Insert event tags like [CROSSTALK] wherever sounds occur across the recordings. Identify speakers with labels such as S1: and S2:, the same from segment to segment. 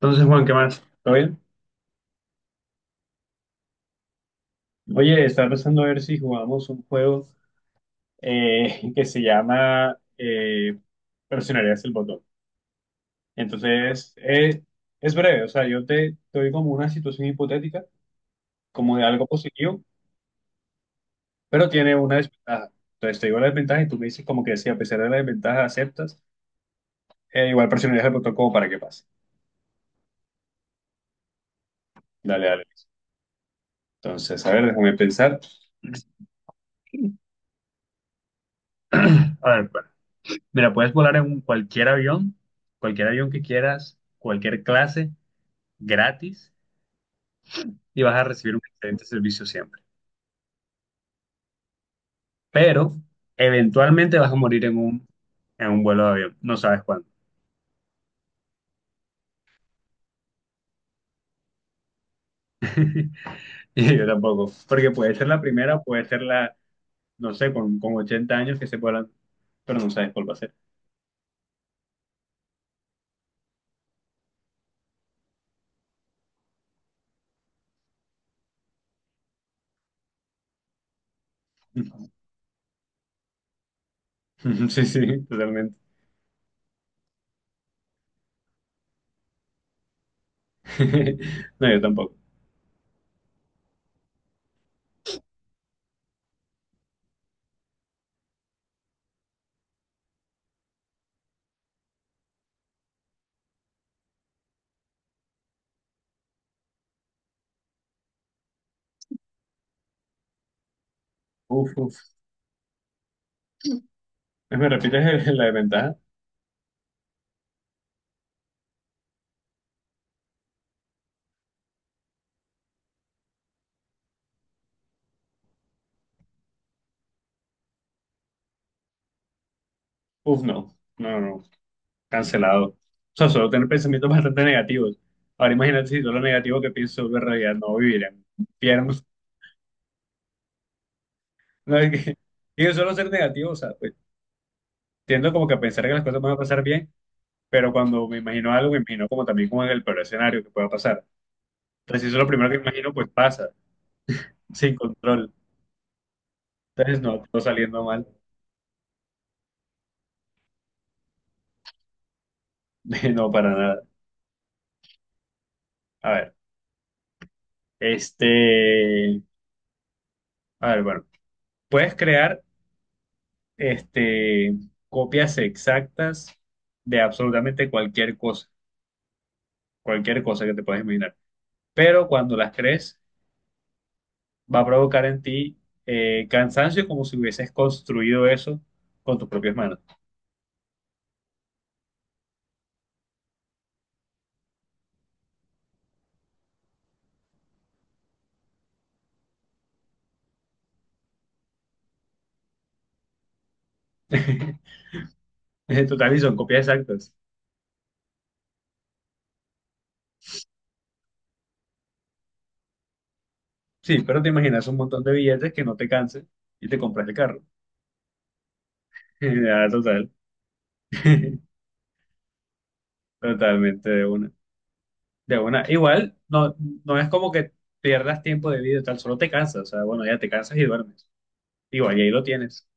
S1: Entonces, Juan, ¿qué más? ¿Todo bien? Oye, estaba pensando a ver si jugamos un juego [LAUGHS] que se llama Presionarías el botón. Entonces, es breve, o sea, te doy como una situación hipotética, como de algo positivo, pero tiene una desventaja. Entonces, te digo la desventaja y tú me dices como que si a pesar de la desventaja aceptas, igual presionarías el botón como para que pase. Dale, dale. Entonces, a ver, déjame pensar. [CLEARS THROAT] A ver, bueno. Mira, puedes volar en cualquier avión que quieras, cualquier clase, gratis, y vas a recibir un excelente servicio siempre. Pero eventualmente vas a morir en en un vuelo de avión, no sabes cuándo. [LAUGHS] Y yo tampoco, porque puede ser la primera, puede ser la, no sé, con 80 años que se vuelan, pero no sabes cuál va a ser. [LAUGHS] Sí, sí, totalmente. [LAUGHS] No, yo tampoco. Uf, uf. ¿Me repites la desventaja? Uf, no. No, no. Cancelado. O sea, solo tener pensamientos [LAUGHS] bastante negativos. Ahora imagínate si todo lo negativo que pienso sobre realidad no vivirían. Viviéramos. [LAUGHS] No, es que, digo, solo ser negativo, o sea, pues, tiendo como que a pensar que las cosas van a pasar bien, pero cuando me imagino algo, me imagino como también como en el peor escenario que pueda pasar. Entonces, si eso es lo primero que imagino, pues pasa, sin control. Entonces, no, todo saliendo mal. [LAUGHS] No, para nada. A ver, este, a ver, bueno, puedes crear este, copias exactas de absolutamente cualquier cosa que te puedas imaginar. Pero cuando las crees, va a provocar en ti cansancio como si hubieses construido eso con tus propias manos. [LAUGHS] En total, y son copias exactas. Sí, pero te imaginas un montón de billetes que no te cansen y te compras el carro. [LAUGHS] Ah, total. [LAUGHS] Totalmente de una. De una. Igual, no, no es como que pierdas tiempo de vida y tal, solo te cansas. O sea, bueno, ya te cansas y duermes. Igual, y ahí lo tienes.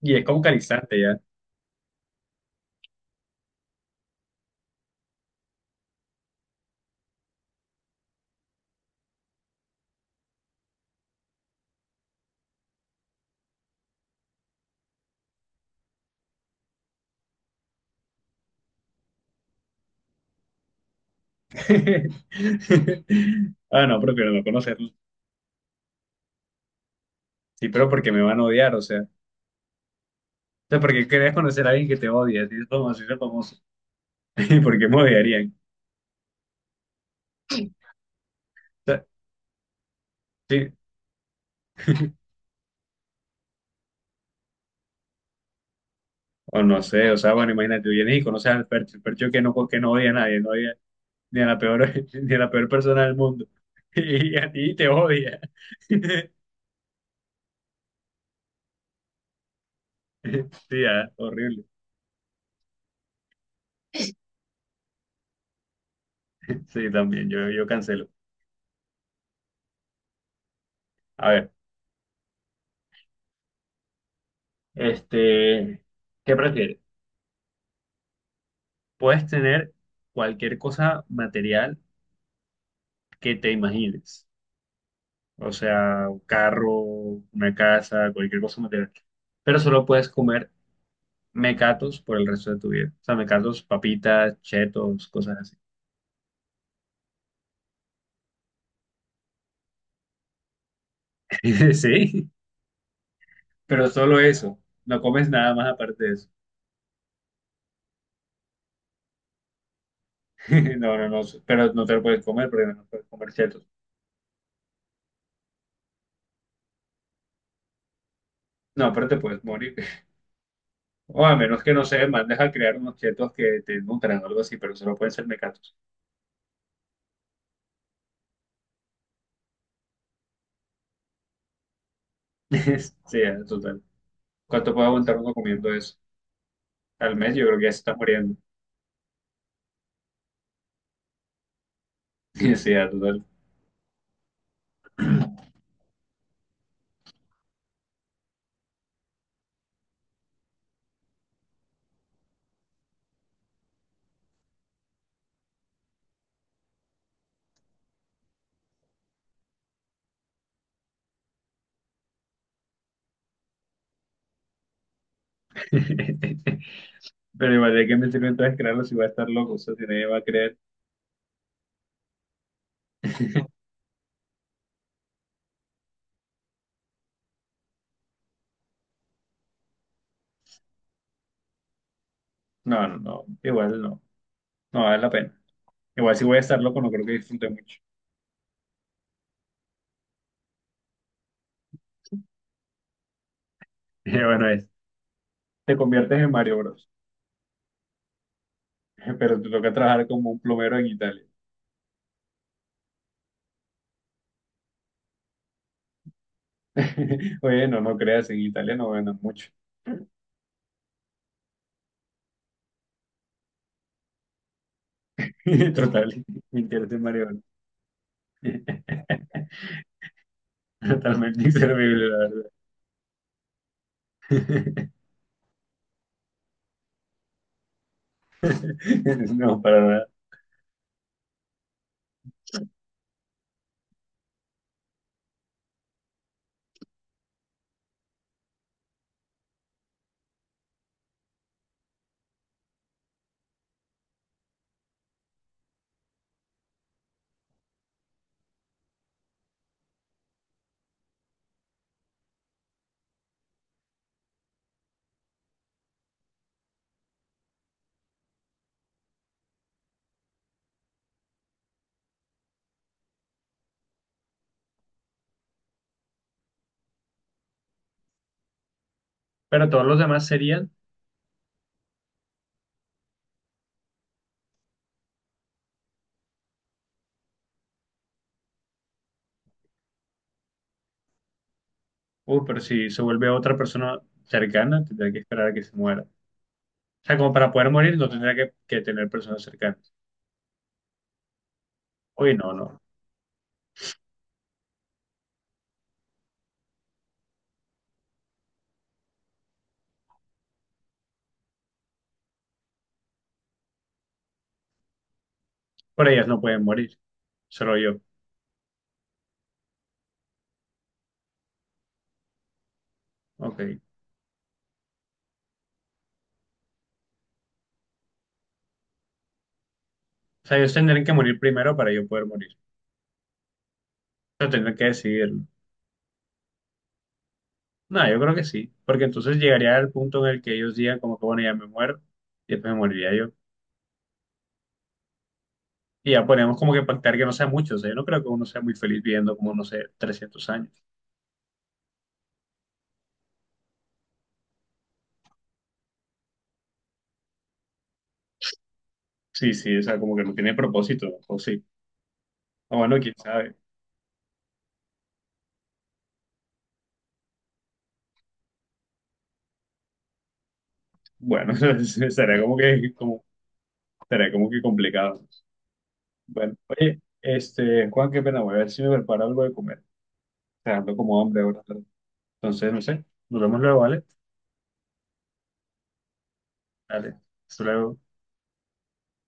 S1: Y es como calistante ya. [LAUGHS] Ah, no, prefiero no conocerlo. Sí, pero porque me van a odiar, o sea. O sea, porque querías conocer a alguien que te odia, así es como así de famoso. [LAUGHS] ¿Y ¿por qué me odiarían? O sea, sí, o no sé, o sea, bueno, imagínate, tú vienes y conoces al Percho, el Percho que no odia a nadie, no odia ni a la peor, [LAUGHS] ni a la peor persona del mundo. [LAUGHS] Y a ti te odia. [LAUGHS] Sí, ah, horrible. Sí, también, yo cancelo. A ver, este, ¿qué prefieres? Puedes tener cualquier cosa material que te imagines. O sea, un carro, una casa, cualquier cosa material. Pero solo puedes comer mecatos por el resto de tu vida. O sea, mecatos, papitas, chetos, cosas así. [LAUGHS] Sí, pero solo eso. No comes nada más aparte de eso. [LAUGHS] No, no, no. Pero no te lo puedes comer porque no puedes comer chetos. No, pero te puedes morir. [LAUGHS] O a menos que, no sé, mandes a crear unos chetos que te nutran o algo así, pero solo pueden ser mecatos. [LAUGHS] Sí, total. ¿Cuánto puede aguantar uno comiendo eso? Al mes yo creo que ya se está muriendo. [LAUGHS] Y sí, ya, total. [LAUGHS] Pero igual, ¿de qué me sirve entonces crearlo si voy a estar loco? O sea, si nadie va a creer. No, no, no. Igual no. No vale la pena. Igual si voy a estar loco, no creo que disfrute mucho. [LAUGHS] Bueno, es. Te conviertes en Mario Bros. [LAUGHS] Pero te toca trabajar como un plomero en Italia. [LAUGHS] Oye, no, no creas, en Italia no ganan mucho. [LAUGHS] Total, mentirte en Mario Bros. [LAUGHS] Totalmente inservible, la verdad. [LAUGHS] [LAUGHS] No, para nada. Pero todos los demás serían, pero si se vuelve otra persona cercana, tendría que esperar a que se muera. O sea, como para poder morir, no tendría que tener personas cercanas. Uy, no, no. Por ellas no pueden morir, solo yo. Ok. O sea, ellos tendrían que morir primero para yo poder morir. Pero tendrán que decidirlo. No, no, yo creo que sí. Porque entonces llegaría al punto en el que ellos digan, como que bueno, ya me muero, y después me moriría yo. Y ya ponemos como que pactar que no sea mucho. O sea, yo no creo que uno sea muy feliz viviendo como, no sé, 300 años. Sí, sí, o sea, como que no tiene propósito, o sí. O bueno, quién sabe. Bueno, [LAUGHS] será como que, como, será como que complicado. Bueno, oye, este, Juan, qué pena, voy a ver si me preparo algo de comer. O sea, ando como hambre ahora. Entonces, no sé, nos vemos luego, ¿vale? Dale, hasta luego.